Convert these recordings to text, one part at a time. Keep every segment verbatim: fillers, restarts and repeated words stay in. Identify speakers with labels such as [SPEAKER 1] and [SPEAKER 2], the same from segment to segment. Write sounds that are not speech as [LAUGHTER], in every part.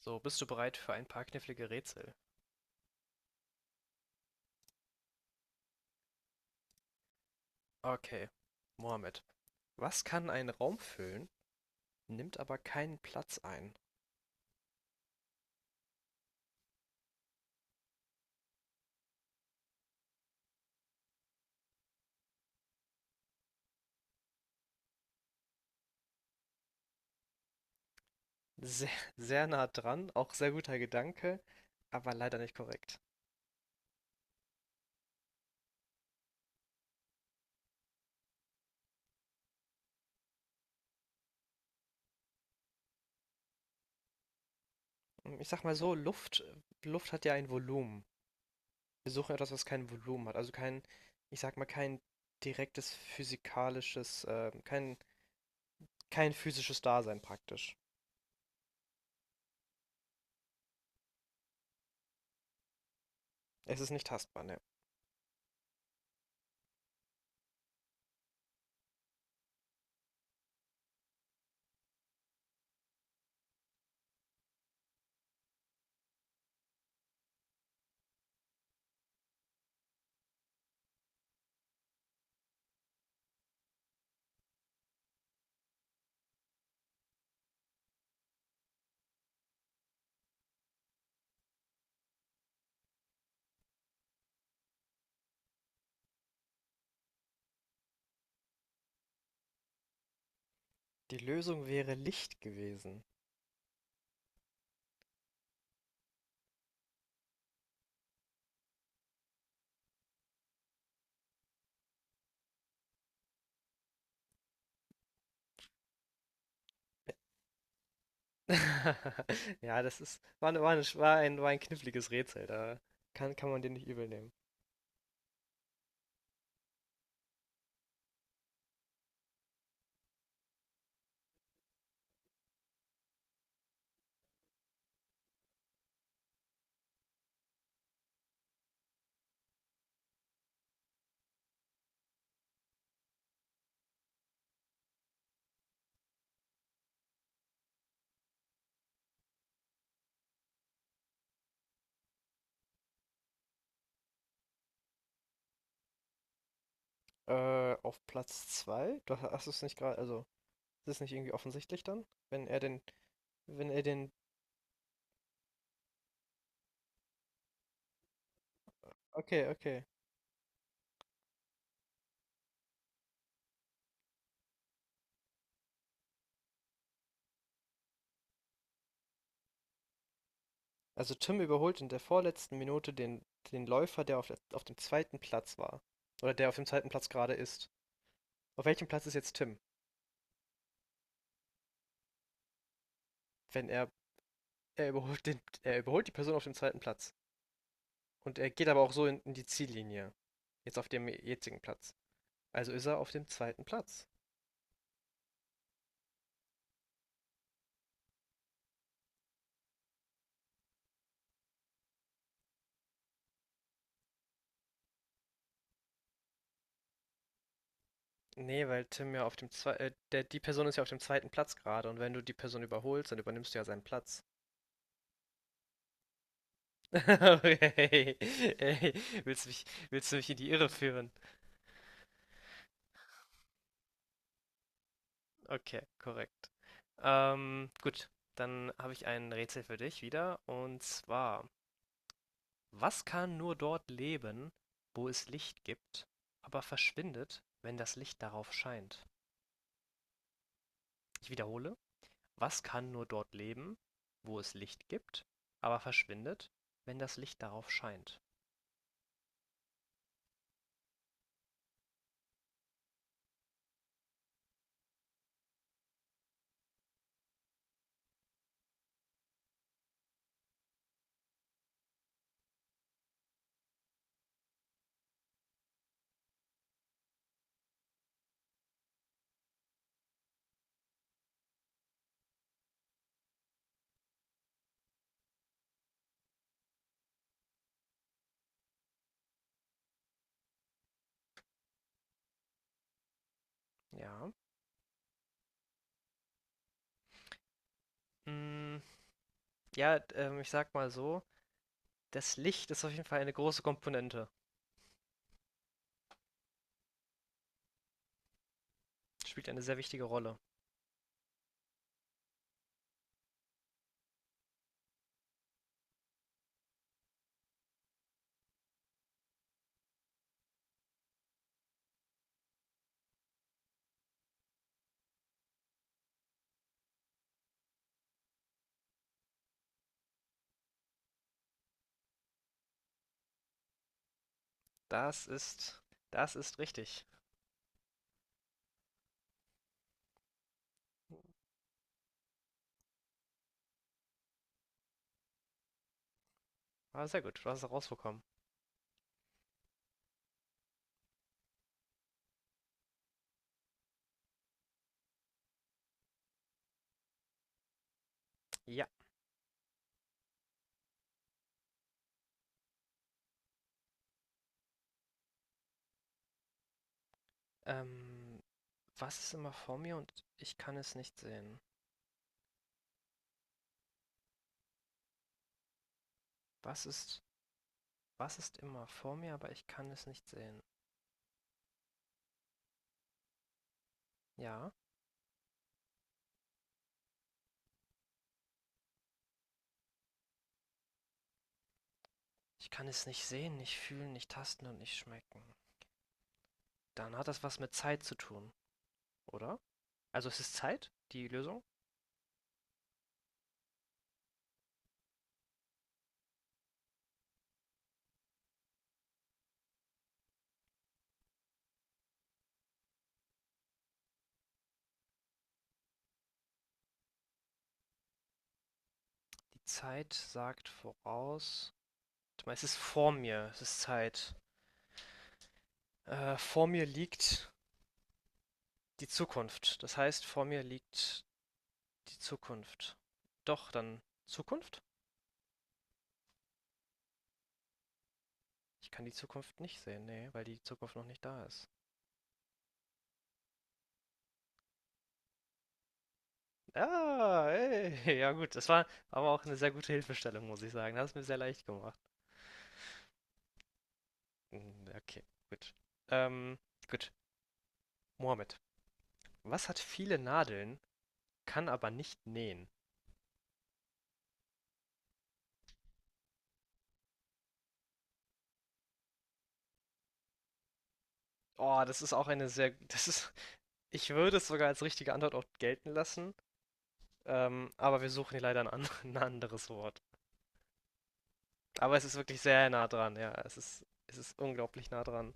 [SPEAKER 1] So, bist du bereit für ein paar knifflige Rätsel? Okay. Mohammed, was kann einen Raum füllen, nimmt aber keinen Platz ein? Sehr, sehr nah dran, auch sehr guter Gedanke, aber leider nicht korrekt. Hm, ich sag mal so, Luft, Luft hat ja ein Volumen. Wir suchen etwas, was kein Volumen hat, also kein, ich sag mal, kein direktes physikalisches, äh, kein, kein physisches Dasein praktisch. Es ist nicht tastbar, ne? Die Lösung wäre Licht gewesen. [LAUGHS] Ja, das ist, war, ne- war, ne- war, ein, war ein kniffliges Rätsel, da kann, kann man den nicht übel nehmen. Äh, auf Platz zwei. Du ha- hast es nicht gerade, also, ist es nicht irgendwie offensichtlich dann? Wenn er den, wenn er den, okay, okay. Also Tim überholt in der vorletzten Minute den, den Läufer, der auf, der, auf dem zweiten Platz war. Oder der auf dem zweiten Platz gerade ist. Auf welchem Platz ist jetzt Tim? Wenn er, er überholt den, er überholt die Person auf dem zweiten Platz. Und er geht aber auch so in, in die Ziellinie. Jetzt auf dem jetzigen Platz. Also ist er auf dem zweiten Platz. Nee, weil Tim ja auf dem zwei, äh, der, die Person ist ja auf dem zweiten Platz gerade, und wenn du die Person überholst, dann übernimmst du ja seinen Platz. [LAUGHS] Okay. Ey, willst du mich, willst du mich in die Irre führen? Okay, korrekt. Ähm, gut, dann habe ich ein Rätsel für dich wieder, und zwar, was kann nur dort leben, wo es Licht gibt, aber verschwindet, wenn das Licht darauf scheint? Ich wiederhole, was kann nur dort leben, wo es Licht gibt, aber verschwindet, wenn das Licht darauf scheint? Ja. Mm, ja, ähm, ich sag mal so, das Licht ist auf jeden Fall eine große Komponente. Spielt eine sehr wichtige Rolle. Das ist, das ist richtig. Aber sehr gut, du hast es rausbekommen. Ja. Ähm, was ist immer vor mir, und ich kann es nicht sehen? Was ist, was ist immer vor mir, aber ich kann es nicht sehen? Ja. Ich kann es nicht sehen, nicht fühlen, nicht tasten und nicht schmecken. Dann hat das was mit Zeit zu tun, oder? Also es ist Zeit, die Lösung? Die Zeit sagt voraus. Warte. Es ist vor mir, es ist Zeit. Äh, vor mir liegt die Zukunft. Das heißt, vor mir liegt die Zukunft. Doch, dann Zukunft? Ich kann die Zukunft nicht sehen, nee, weil die Zukunft noch nicht da ist. Ah, ey, ja gut, das war aber auch eine sehr gute Hilfestellung, muss ich sagen. Das hat es mir sehr leicht gemacht. Mm, okay, gut. Ähm, gut. Mohammed, was hat viele Nadeln, kann aber nicht nähen. Oh, das ist auch eine sehr, [LAUGHS] das ist, ich würde es sogar als richtige Antwort auch gelten lassen, ähm, aber wir suchen hier leider ein, an, [LAUGHS] ein anderes Wort. Aber es ist wirklich sehr nah dran, ja, es ist, es ist unglaublich nah dran.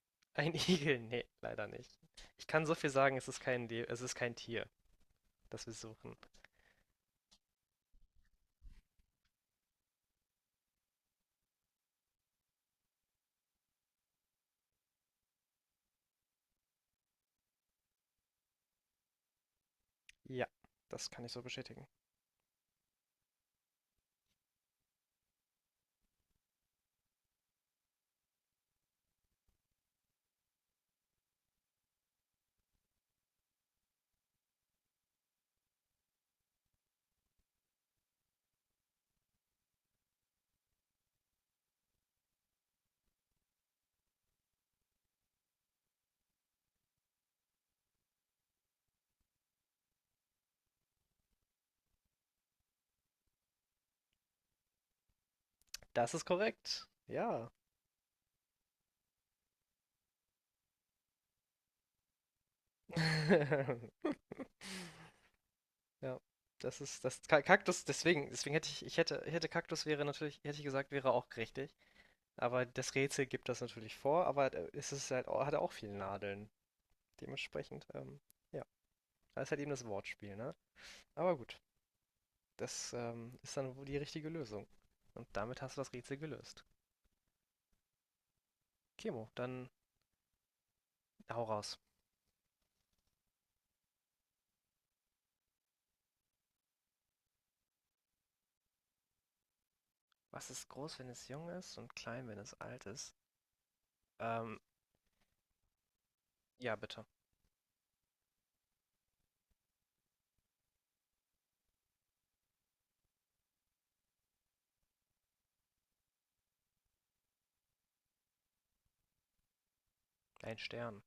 [SPEAKER 1] [LAUGHS] Ein Igel? Nee, leider nicht. Ich kann so viel sagen, es ist kein, Le- es ist kein Tier, das wir suchen. Ja, das kann ich so bestätigen. Das ist korrekt. Ja. [LAUGHS] Ja, das ist das Ka- Kaktus, deswegen, deswegen hätte ich, ich hätte, ich hätte Kaktus wäre natürlich, hätte ich gesagt, wäre auch richtig. Aber das Rätsel gibt das natürlich vor, aber äh, es ist halt, au- hat auch viele Nadeln. Dementsprechend, ähm, ja, da ist halt eben das Wortspiel, ne? Aber gut, das ähm, ist dann wohl die richtige Lösung. Und damit hast du das Rätsel gelöst. Kemo, dann hau raus. Was ist groß, wenn es jung ist, und klein, wenn es alt ist? Ähm, ja, bitte. Ein Stern.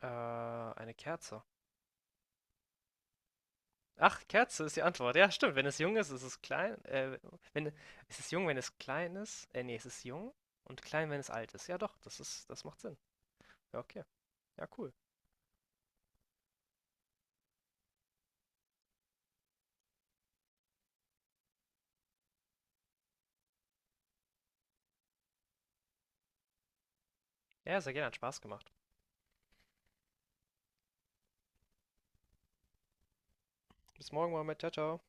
[SPEAKER 1] Äh, eine Kerze. Ach, Kerze ist die Antwort. Ja, stimmt. Wenn es jung ist, ist es klein. Äh, wenn, ist es jung, wenn es klein ist? Äh, nee, es ist jung und klein, wenn es alt ist. Ja, doch, das ist, das macht Sinn. Ja, okay. Ja, cool. Ja, sehr gerne. Hat Spaß gemacht. Bis morgen, Mohammed. Ciao, ciao.